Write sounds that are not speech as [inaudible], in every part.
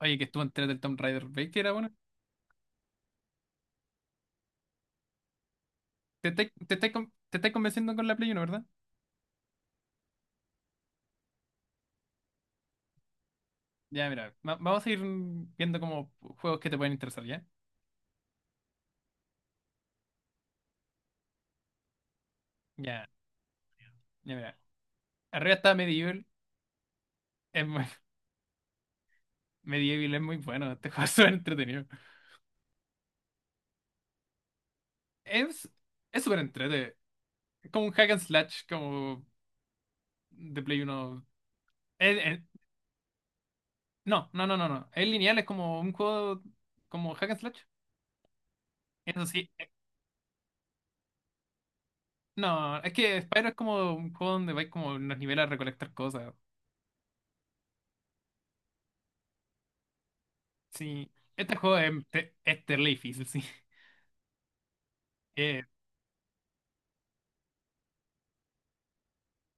Oye, que estuvo entera del Tomb Raider. ¿Veis que era bueno? Te estáis convenciendo con la Play Uno, ¿verdad? Ya, mira. Vamos a ir viendo como juegos que te pueden interesar, ¿ya? Ya, ya, mira. Arriba está Medieval. Es muy- [laughs] Medieval es muy bueno. Este juego es súper entretenido. Es, es súper entretenido. Como un hack and slash, como de Play Uno. Es- es- no, no, no, no, no. Es lineal, es como un juego como hack and slash. Eso sí. No, es que Spyro es como un juego donde vais como en los niveles a recolectar cosas. Sí, este juego es terrible difícil, sí. [laughs] Eh,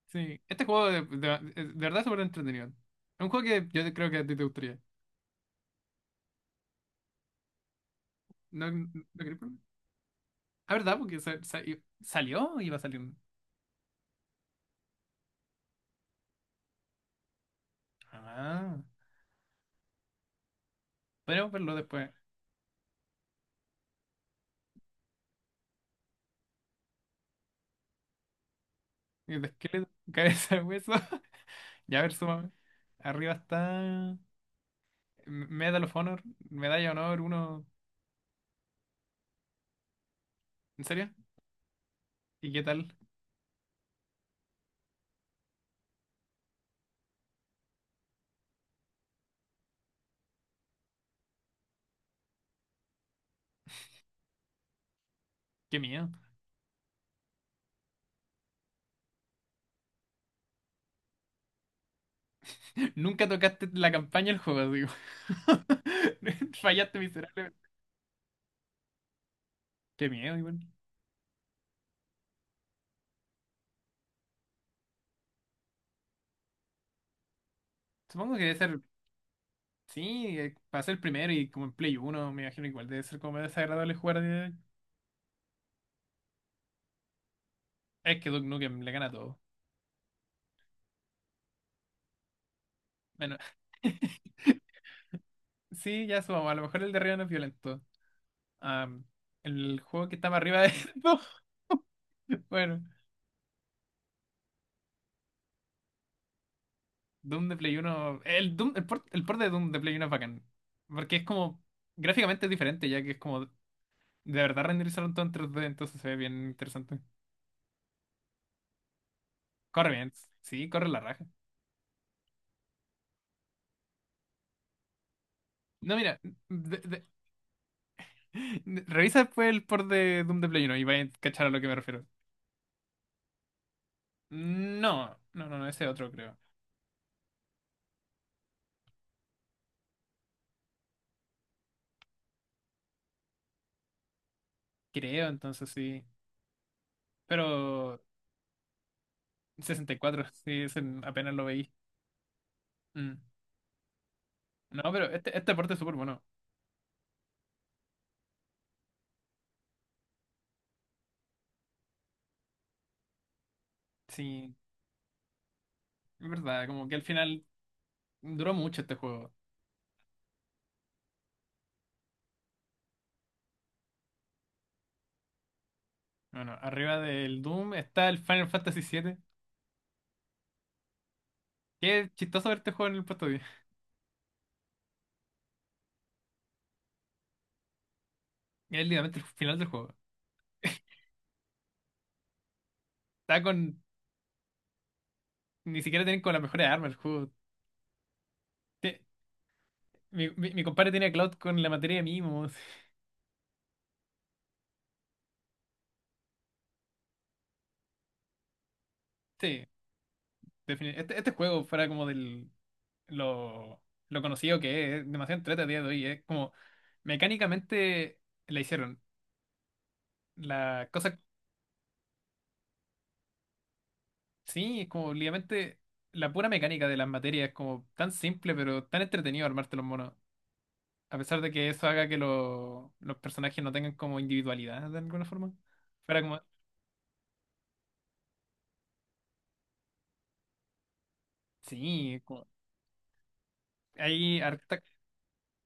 sí, este juego de verdad es súper entretenido. Es un juego que yo creo que a ti te gustaría. ¿No, no queréis probar? Ah, ¿verdad? Porque salió iba a salir. Ah, podemos verlo después. El esqueleto, [laughs] cabeza de hueso. [laughs] Ya, a ver, súmame. Arriba está Medal of Honor, Medalla de Honor uno. ¿En serio? ¿Y qué tal? Qué miedo. [laughs] Nunca tocaste la campaña del juego, digo. [laughs] Fallaste miserablemente. Qué miedo, igual. Supongo que debe ser, sí, para ser primero y como en Play uno me imagino que igual debe ser como más desagradable jugar. Es que Duke Nukem le gana todo. Bueno, [laughs] sí, ya subamos. A lo mejor el de arriba no es violento. Am, el juego que está más arriba de [laughs] no. Bueno, Doom de Play uno. Doom, el port de Doom de Play uno es bacán. Porque es como. Gráficamente es diferente, ya que es como. De verdad renderizaron todo en 3D, entonces se ve bien interesante. Corre bien, sí, corre la raja. No, mira, de, [laughs] Revisa después el port de Doom de Play 1 y vais a cachar a lo que me refiero. No, no, no, no, ese otro creo. Creo, entonces sí. Pero 64, [laughs] sí, ese apenas lo veí. Mm. No, pero este port es súper bueno. Sí, es verdad, como que al final duró mucho este juego. Bueno, arriba del Doom está el Final Fantasy siete. Qué chistoso ver este juego en el puesto 10. [laughs] Es literalmente el final del juego. Está con... Ni siquiera tienen con las mejores armas el juego. Te- mi compadre tiene a Cloud con la materia de mimos. [laughs] Sí, Este, este juego fuera como del lo, lo conocido que es demasiado entrete a día de hoy, es como mecánicamente la hicieron. La cosa, sí, es como literalmente la pura mecánica de las materias, es como tan simple pero tan entretenido armarte los monos. A pesar de que eso haga que los personajes no tengan como individualidad de alguna forma. Fuera como, sí, hay, harta-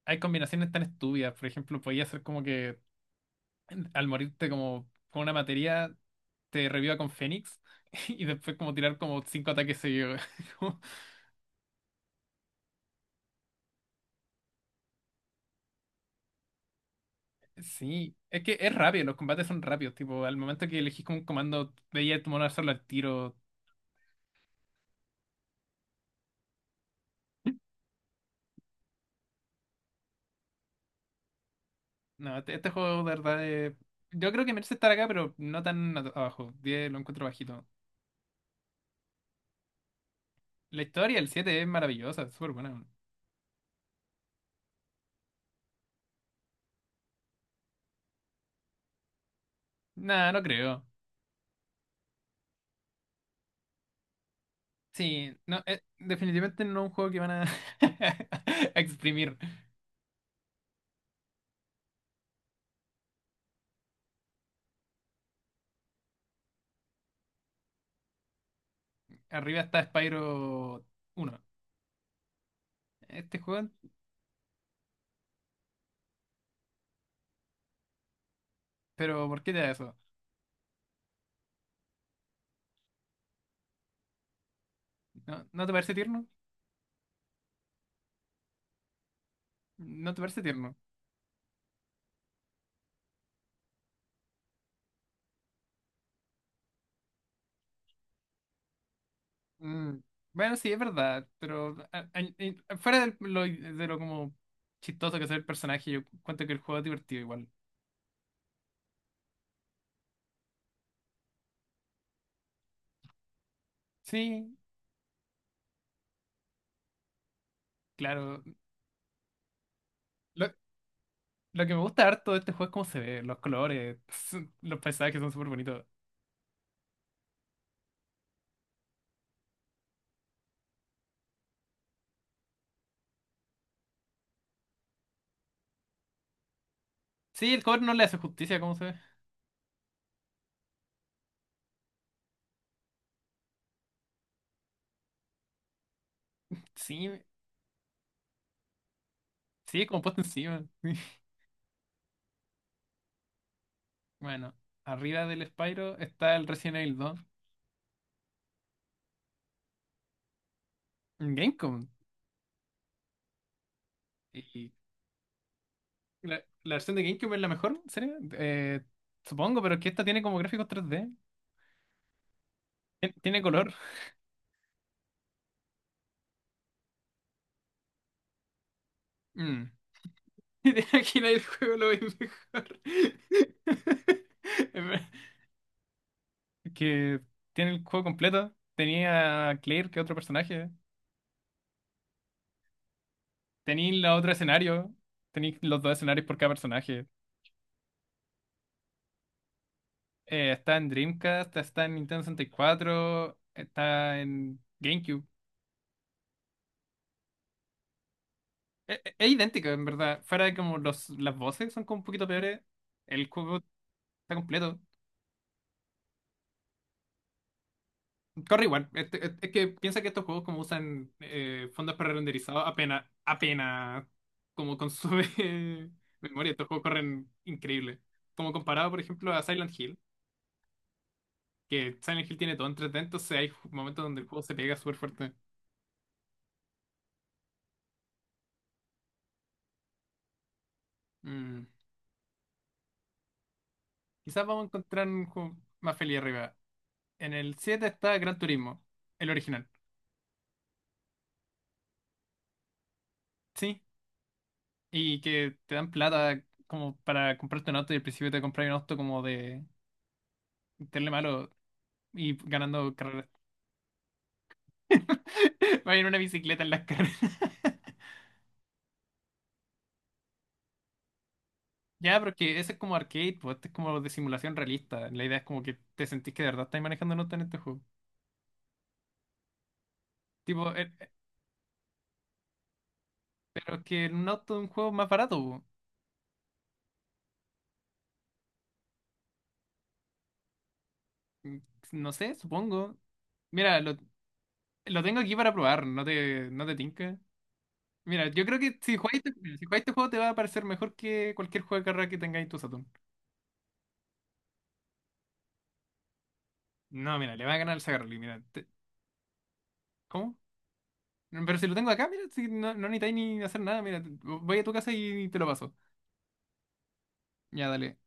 hay combinaciones tan estúpidas, por ejemplo, podía ser como que [laughs] al morirte como con una materia, te reviva con Fénix [laughs] y después como tirar como cinco ataques seguidos. [laughs] Como- Sí, es que es rápido, los combates son rápidos, tipo, al momento que elegís como un comando, veía a tu mono hacerlo al tiro. No, este juego de verdad es- yo creo que merece estar acá, pero no tan abajo. Diez lo encuentro bajito. La historia el 7 es maravillosa, es súper buena. Nah, no creo. Sí, no, definitivamente no es un juego que van a, [laughs] a exprimir. Arriba está Spyro uno. Este juego, pero ¿por qué te da eso? ¿No, no te parece tierno? ¿No te parece tierno? Mm, Bueno, sí, es verdad, pero fuera de lo como chistoso que es el personaje, yo cuento que el juego es divertido igual. Sí, claro. Lo, lo que me gusta harto de este juego es cómo se ve, los colores, [laughs] los paisajes son súper bonitos. Sí, el cover no le hace justicia a cómo se ve. Sí, sí, como puesto encima. [laughs] Bueno, arriba del Spyro está el Resident Evil 2. En Gamecom. La versión de GameCube es la mejor, ¿en serio? Supongo, pero es que esta tiene como gráficos tres d. Tiene color. Mm. [laughs] Y de aquí nadie el juego lo ve mejor. [laughs] Es ver- Que tiene el juego completo. Tenía a Claire, que es otro personaje. Tenía la otro escenario. Tenía los dos escenarios por cada personaje. Está en Dreamcast, está en Nintendo sesenta y cuatro, está en GameCube. Es idéntica, en verdad. Fuera de como los, las voces son como un poquito peores. El juego está completo. Corre igual. Es que piensa que estos juegos como usan fondos prerenderizados apenas, apenas como consume [laughs] memoria. Estos juegos corren increíble. Como comparado, por ejemplo, a Silent Hill, que Silent Hill tiene todo en 3D, entonces hay momentos donde el juego se pega súper fuerte. Mm. Quizás vamos a encontrar un juego más feliz arriba. En el 7 está Gran Turismo, el original. Sí. Y que te dan plata como para comprarte un auto y al principio te compras un auto como de... Meterle malo. Y ganando carreras. [laughs] Va en una bicicleta en las carreras. [laughs] Ya, pero es que ese es como arcade, pues este es como de simulación realista. La idea es como que te sentís que de verdad estás manejando un auto en este juego. Tipo, pero es que un auto es un juego más barato. Po. Mm, No sé, supongo. Mira, lo tengo aquí para probar, no te, no te tinca. Mira, yo creo que si jugáis, si jugáis este juego te va a parecer mejor que cualquier juego de carrera que tengáis en tu Saturn. No, mira, le va a ganar el Sagarly, mira. ¿Cómo? Pero si lo tengo acá, mira, si no, no necesitáis ni hacer nada, mira, voy a tu casa y te lo paso. Ya, dale.